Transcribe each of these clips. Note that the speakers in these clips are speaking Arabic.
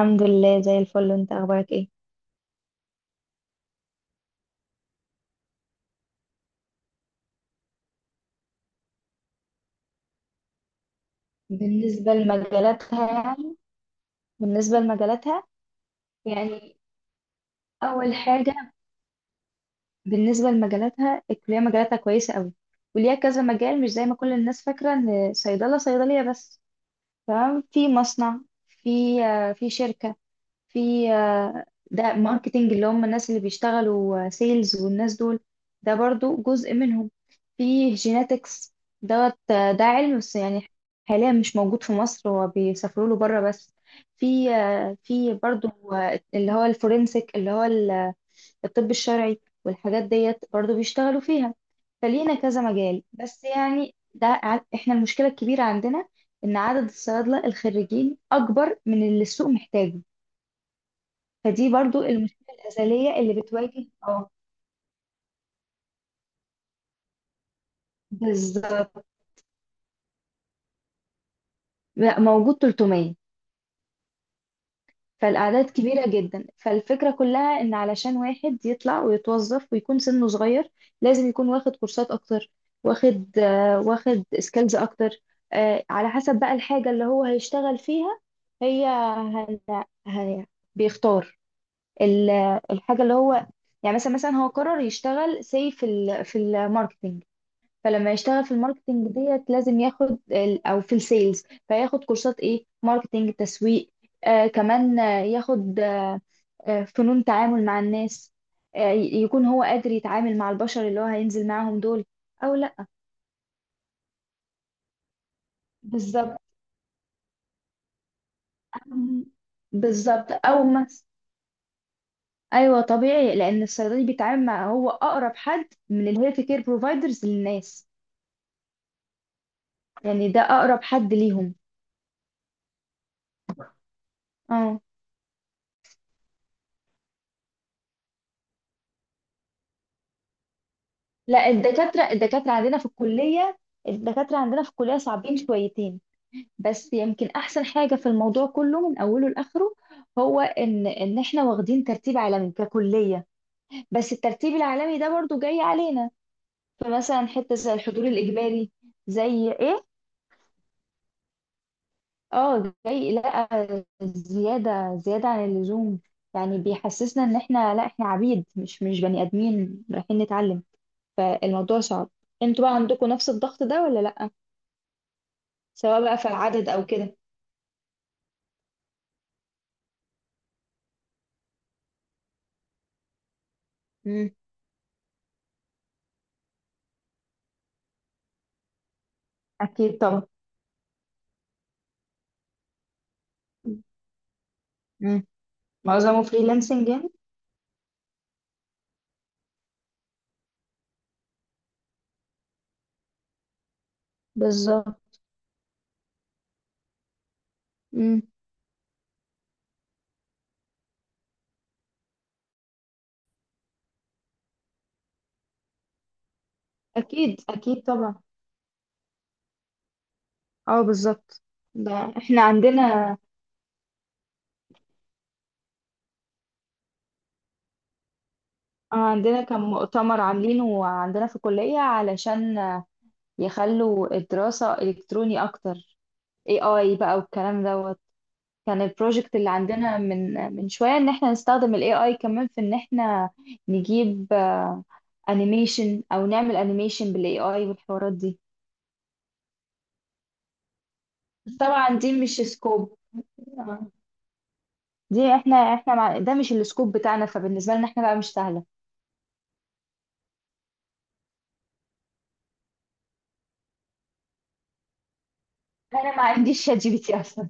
الحمد لله زي الفل، انت اخبارك ايه؟ بالنسبة لمجالاتها يعني بالنسبة لمجالاتها يعني اول حاجة، بالنسبة لمجالاتها الكلية مجالاتها كويسة قوي، وليها كذا مجال، مش زي ما كل الناس فاكرة ان صيدلة صيدلية بس. تمام. في مصنع، في في شركة، في آه، ده ماركتينج اللي هم الناس اللي بيشتغلوا سيلز والناس دول، ده برضو جزء منهم. في جيناتكس دوت، ده علم بس يعني، حاليا مش موجود في مصر، هو بيسافروا له بره بس. في برضو اللي هو الفورنسيك، اللي هو الطب الشرعي، والحاجات ديت برضو بيشتغلوا فيها. فلينا كذا مجال، بس يعني ده احنا المشكلة الكبيرة عندنا ان عدد الصيادلة الخريجين اكبر من اللي السوق محتاجه، فدي برضو المشكلة الأزلية اللي بتواجه. اه، بالظبط. لا، موجود 300. فالأعداد كبيرة جدا، فالفكرة كلها إن علشان واحد يطلع ويتوظف ويكون سنه صغير لازم يكون واخد كورسات أكتر، واخد سكيلز أكتر، على حسب بقى الحاجة اللي هو هيشتغل فيها. هي هن... هي بيختار ال- الحاجة اللي هو، يعني مثلا، هو قرر يشتغل سي في في الماركتنج، فلما يشتغل في الماركتينج ديت لازم ياخد او في السيلز، فياخد كورسات ايه، ماركتينج، تسويق، كمان، ياخد فنون تعامل مع الناس، يكون هو قادر يتعامل مع البشر اللي هو هينزل معاهم دول. او لا. بالظبط، بالظبط. او مس ايوه، طبيعي، لان الصيدلي بيتعامل مع، هو اقرب حد من الهيلث كير بروفايدرز للناس، يعني ده اقرب حد ليهم. اه. لا. الدكاترة عندنا في الكلية صعبين شويتين، بس يمكن أحسن حاجة في الموضوع كله من أوله لآخره هو إن إحنا واخدين ترتيب عالمي ككلية، بس الترتيب العالمي ده برضو جاي علينا. فمثلا حتة زي الحضور الإجباري، زي إيه؟ آه، جاي. لا، زيادة عن اللزوم، يعني بيحسسنا إن إحنا، لا، إحنا عبيد، مش بني آدمين رايحين نتعلم، فالموضوع صعب. انتوا بقى عندكم نفس الضغط ده ولا لا؟ سواء بقى في العدد او كده. امم. اكيد طبعا. امم. معظمه فريلانسنج يعني. بالظبط. امم. اكيد، اكيد طبعا. اه، بالظبط. ده احنا عندنا اه عندنا كان مؤتمر عاملينه عندنا في الكلية علشان يخلوا الدراسة الكتروني اكتر، اي اي بقى والكلام دوت. كان البروجكت اللي عندنا من شوية ان احنا نستخدم الاي اي كمان، في ان احنا نجيب انيميشن او نعمل انيميشن بالاي اي والحوارات دي. بس طبعا دي مش سكوب، دي احنا احنا مع... ده مش السكوب بتاعنا، فبالنسبه لنا احنا بقى مش سهله. انا ما عنديش شات جي بي تي اصلا.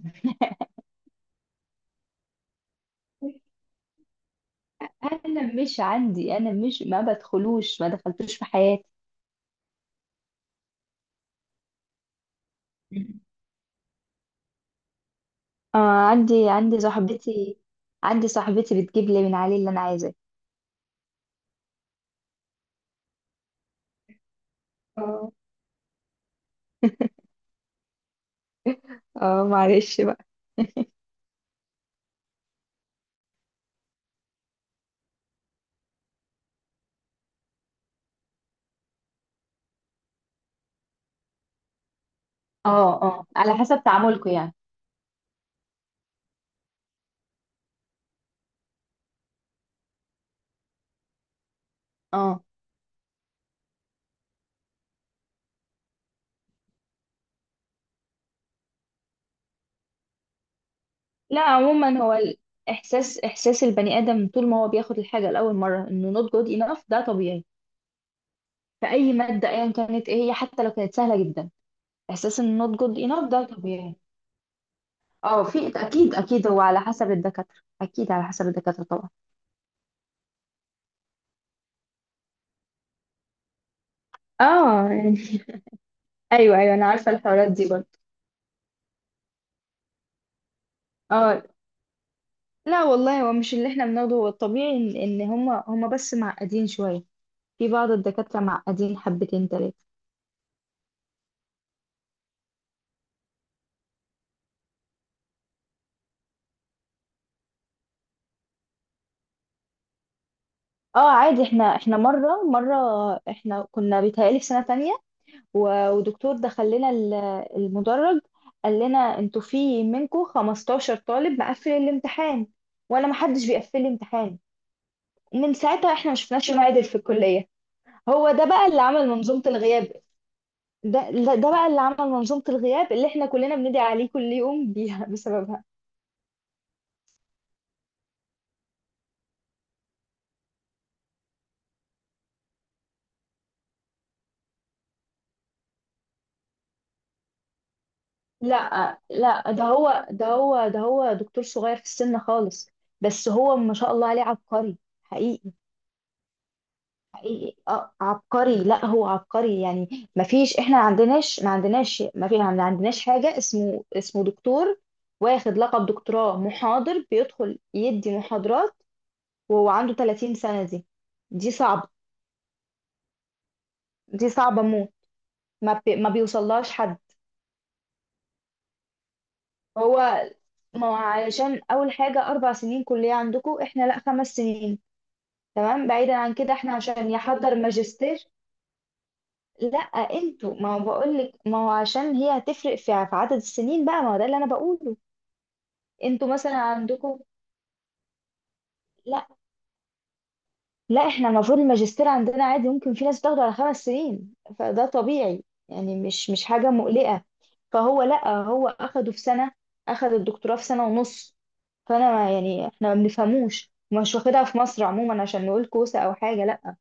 انا مش عندي، انا مش ما بدخلوش ما دخلتوش في حياتي. آه. عندي عندي صاحبتي عندي صاحبتي بتجيب لي من عليه اللي انا عايزاه. اه. اه، معلش بقى. اه. اه، على حسب تعاملكم يعني. اه. لا، عموما هو احساس البني ادم طول ما هو بياخد الحاجه لاول مره انه not good enough ده طبيعي، في اي ماده ايا كانت ايه هي، حتى لو كانت سهله جدا. احساس ان not good enough ده طبيعي. اه. اكيد، اكيد، هو على حسب الدكاتره، اكيد على حسب الدكاتره طبعا. اه يعني. ايوه، ايوه، انا عارفه الحوارات دي برضه. اه. لا والله، هو مش اللي احنا بناخده، هو الطبيعي ان هما هما بس معقدين شويه، في بعض الدكاتره معقدين حبتين تلاته. اه، عادي. احنا مره مره، احنا كنا بيتهيألي في سنه تانية، و- ودكتور دخل لنا المدرج، قال لنا انتوا في منكم 15 طالب مقفل الامتحان، وانا ما حدش بيقفل لي امتحان. من ساعتها احنا ما شفناش معادل في الكليه. هو ده بقى اللي عمل منظومه الغياب. ده بقى اللي عمل منظومه الغياب اللي احنا كلنا بندعي عليه كل يوم بيها بسببها. لا، لا، ده هو دكتور صغير في السن خالص، بس هو ما شاء الله عليه عبقري، حقيقي. حقيقي، عبقري. لا، هو عبقري يعني، ما فيش احنا ما عندناش ما عندناش ما في ما عندناش حاجه اسمه دكتور واخد لقب دكتوراه محاضر بيدخل يدي محاضرات وهو عنده 30 سنه دي. دي صعبه دي صعبه موت، ما بيوصلهاش حد. هو ما هو علشان اول حاجه 4 سنين كليه عندكم، احنا لا، 5 سنين. تمام، بعيدا عن كده احنا عشان يحضر ماجستير. لا. انتوا ما هو بقول لك، ما هو عشان هي هتفرق في عدد السنين بقى، ما هو ده اللي انا بقوله. انتوا مثلا عندكم. لا، لا، احنا المفروض الماجستير عندنا عادي، ممكن في ناس بتاخده على 5 سنين، فده طبيعي يعني، مش حاجة مقلقة. فهو، لا، هو اخده في سنة، اخد الدكتوراه في سنة ونص، فانا يعني احنا ما بنفهموش، مش واخدها في مصر عموما عشان نقول كوسة او حاجة. لا.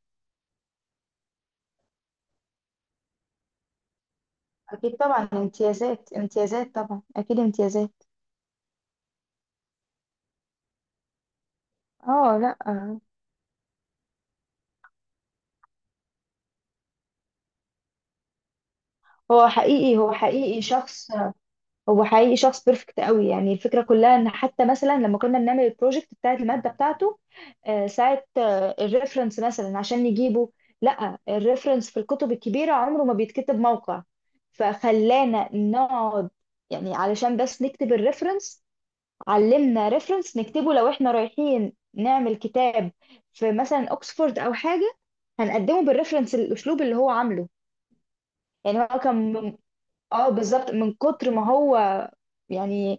اكيد طبعا، امتيازات، امتيازات طبعا، اكيد امتيازات. اه. لا، هو حقيقي هو حقيقي شخص هو حقيقي شخص بيرفكت قوي، يعني الفكرة كلها ان حتى مثلا لما كنا بنعمل البروجكت بتاعت المادة بتاعته، ساعة الريفرنس مثلا عشان نجيبه. لا، الريفرنس في الكتب الكبيرة عمره ما بيتكتب موقع، فخلانا نقعد، يعني علشان بس نكتب الريفرنس، علمنا ريفرنس نكتبه لو احنا رايحين نعمل كتاب في مثلا اوكسفورد او حاجة، هنقدمه بالريفرنس الاسلوب اللي هو عامله. يعني هو كان، اه بالظبط، من كتر ما هو، يعني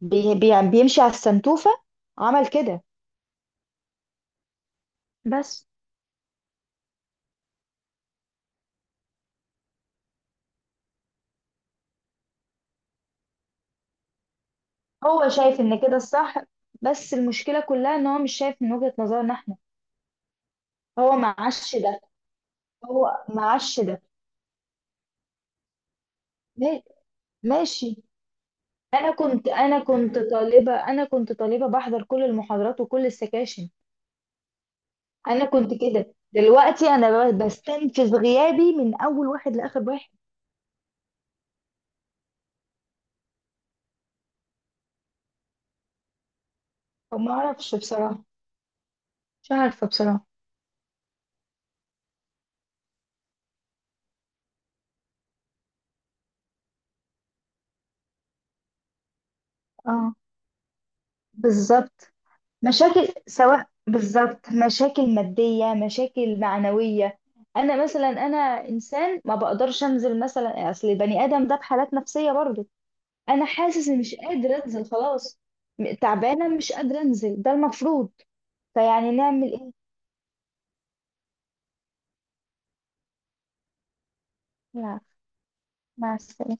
بي بي يعني بيمشي على السنتوفة، عمل كده. بس هو شايف ان كده الصح، بس المشكلة كلها ان هو مش شايف من وجهة نظرنا احنا. هو معاش ده هو معاش ده. ما- ماشي. انا كنت طالبة بحضر كل المحاضرات وكل السكاشن. انا كنت كده، دلوقتي انا بستنفذ غيابي من اول واحد لاخر واحد. فما اعرفش بصراحة، مش عارفة بصراحة. اه، بالظبط. مشاكل، سواء بالظبط مشاكل مادية، مشاكل معنوية. أنا مثلا، أنا إنسان ما بقدرش أنزل مثلا، أصل البني آدم ده بحالات نفسية برضه، أنا حاسس إني مش قادر أنزل خلاص. تعبانة، مش قادرة أنزل، ده المفروض. فيعني نعمل إيه؟ لا. مع السلامة.